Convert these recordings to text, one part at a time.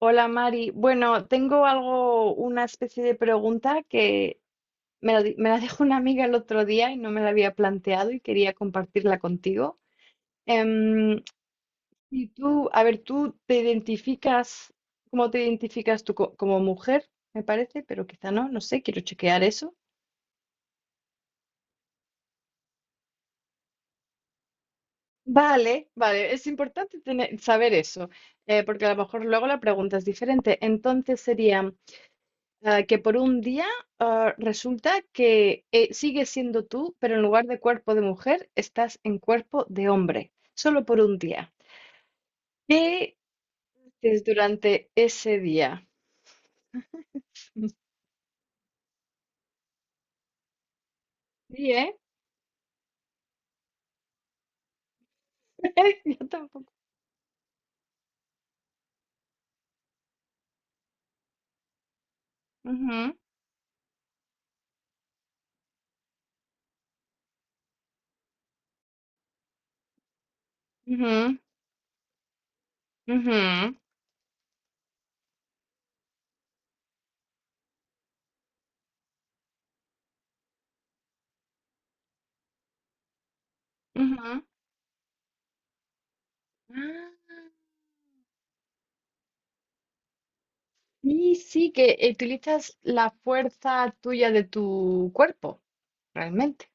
Hola Mari. Bueno, tengo algo, una especie de pregunta que me la dejó una amiga el otro día y no me la había planteado y quería compartirla contigo. Em, y tú, a ver, tú te identificas, ¿cómo te identificas tú como mujer? Me parece, pero quizá no sé, quiero chequear eso. Vale, vale, es importante tener, saber eso, porque a lo mejor luego la pregunta es diferente. Entonces sería. Que por un día resulta que sigues siendo tú, pero en lugar de cuerpo de mujer, estás en cuerpo de hombre, solo por un día. ¿Qué haces durante ese día? Sí, ¿eh? Yo tampoco. Ujú, ujú, ujú, ujú. Ah, Y sí, que utilizas la fuerza tuya de tu cuerpo, realmente.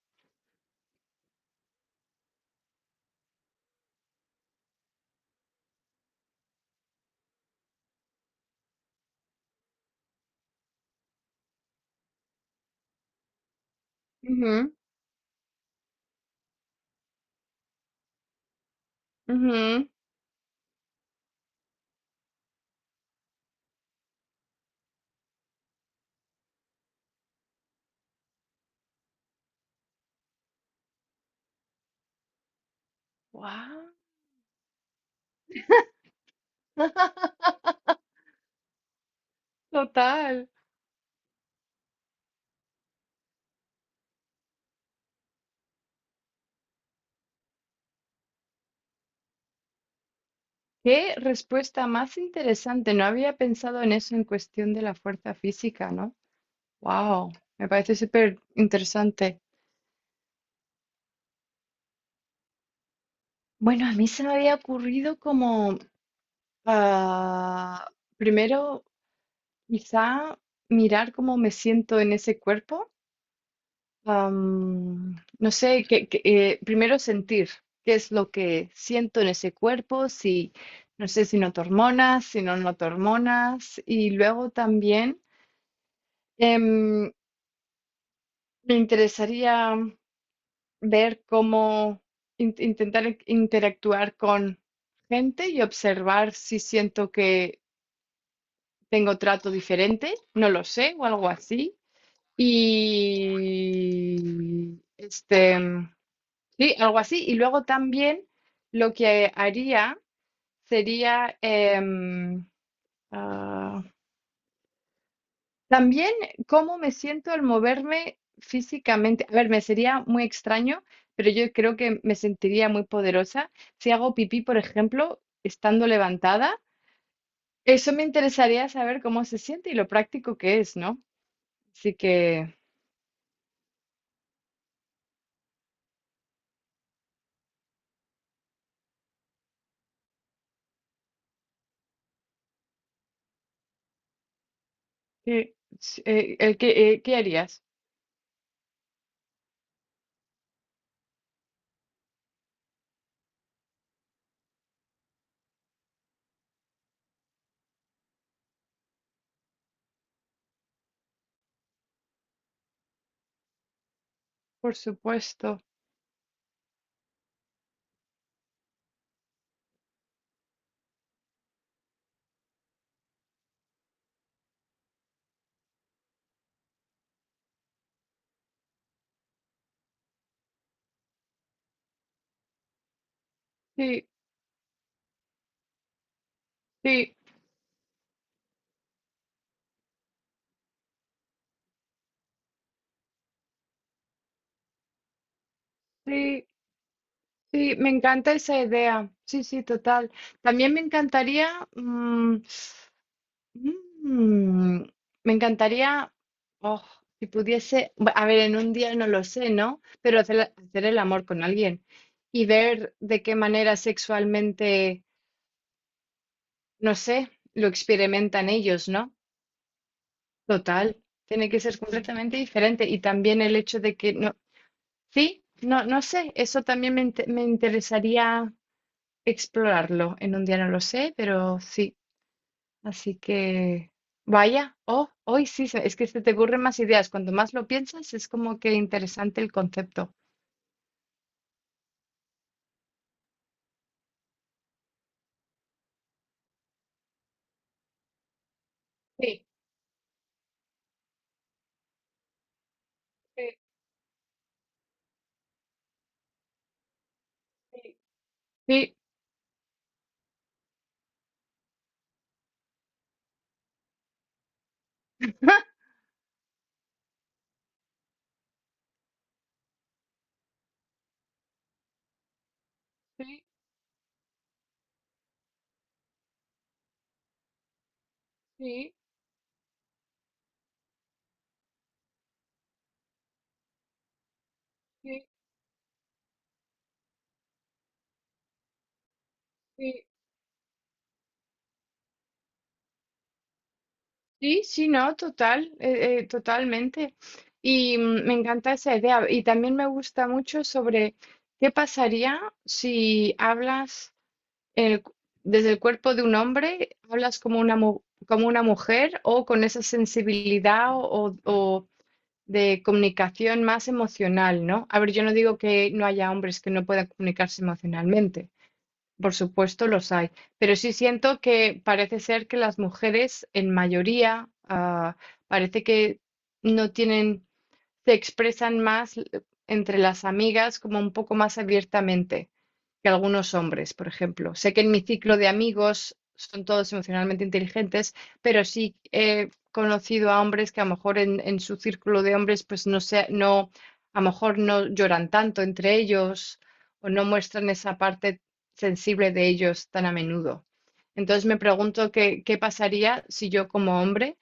Ujú, ujú. Guau, total. Qué respuesta más interesante. No había pensado en eso en cuestión de la fuerza física, ¿no? Wow, me parece súper interesante. Bueno, a mí se me había ocurrido como ah, primero quizá mirar cómo me siento en ese cuerpo. No sé, primero sentir qué es lo que siento en ese cuerpo, si no sé si noto hormonas, si no noto hormonas, y luego también. em, Me interesaría ver cómo interactuar con gente y observar si siento que tengo trato diferente, no lo sé, o algo así. Y este, sí, algo así. Y luego también lo que haría sería, ah, también cómo me siento al moverme físicamente. A ver, me sería muy extraño, pero yo creo que me sentiría muy poderosa si hago pipí, por ejemplo, estando levantada. Eso me interesaría saber cómo se siente y lo práctico que es, ¿no? Así que, sí, sí, ¿qué harías? Por supuesto. Sí, sí, sí, sí, me encanta esa idea. Sí, sí, total. También me encantaría, Mm, me encantaría, oh, si pudiese, a ver, en un día no lo sé, ¿no? Pero hacer el amor con alguien y ver de qué manera sexualmente, no sé, lo experimentan ellos, ¿no? Total, tiene que ser sí, completamente diferente. Y también el hecho de que, no, sí, no, no sé, eso también me interesaría explorarlo. En un día no lo sé, pero sí. Así que, vaya, oh, hoy sí, es que se te ocurren más ideas. Cuanto más lo piensas, es como que interesante el concepto. Sí, sí, sí, sí, sí, sí, sí, sí, sí, sí, no, total, totalmente. Y me encanta esa idea. Y también me gusta mucho sobre qué pasaría si hablas el cu- desde el cuerpo de un hombre, hablas como una, como una mujer o con esa sensibilidad o de comunicación más emocional, ¿no? A ver, yo no digo que no haya hombres que no puedan comunicarse emocionalmente, por supuesto los hay, pero sí siento que parece ser que las mujeres en mayoría parece que no tienen se expresan más entre las amigas como un poco más abiertamente que algunos hombres, por ejemplo. Sé que en mi ciclo de amigos son todos emocionalmente inteligentes, pero sí he conocido a hombres que a lo mejor en su círculo de hombres pues no sé, no, a lo mejor no lloran tanto entre ellos o no muestran esa parte sensible de ellos tan a menudo. Entonces me pregunto qué pasaría si yo como hombre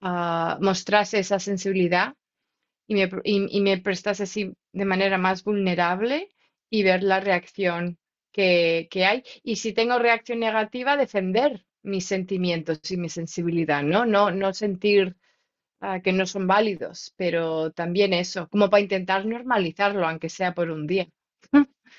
mostrase esa sensibilidad y y me prestas así de manera más vulnerable y ver la reacción que hay. Y si tengo reacción negativa, defender mis sentimientos y mi sensibilidad, ¿no? No sentir que no son válidos, pero también eso, como para intentar normalizarlo, aunque sea por un día.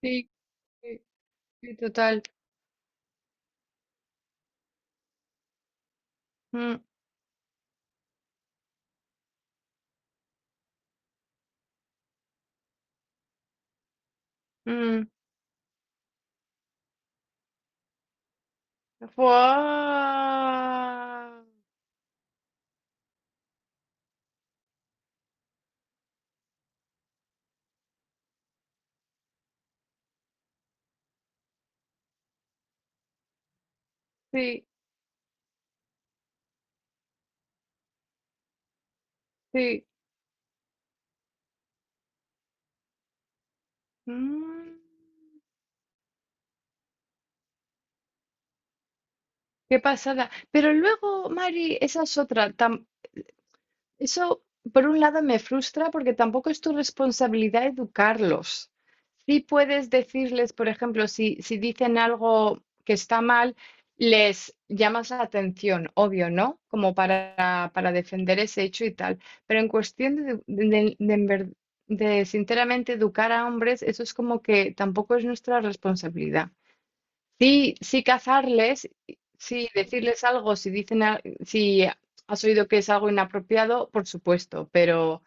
Sí, sí, sí, total. Mm, mm. Fua. Sí, sí. Mm. Qué pasada. Pero luego, Mari, esa es otra. Eso, por un lado, me frustra porque tampoco es tu responsabilidad educarlos. Sí puedes decirles, por ejemplo, si, si dicen algo que está mal, les llamas la atención, obvio, ¿no? Como para defender ese hecho y tal. Pero en cuestión de, de sinceramente educar a hombres, eso es como que tampoco es nuestra responsabilidad. Sí, sí cazarles, sí decirles algo, si dicen, si has oído que es algo inapropiado, por supuesto, pero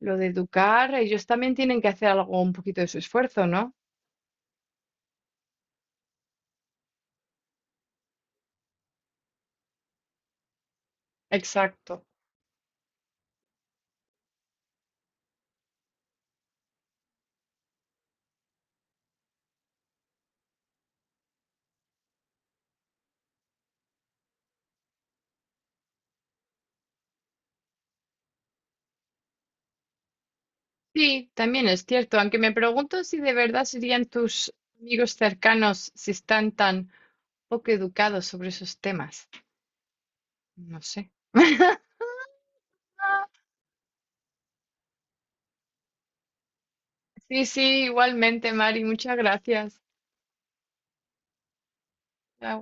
lo de educar, ellos también tienen que hacer algo, un poquito de su esfuerzo, ¿no? Exacto. Sí, también es cierto, aunque me pregunto si de verdad serían tus amigos cercanos si están tan poco educados sobre esos temas. No sé. Sí, sí, igualmente, Mari, muchas gracias. Chao.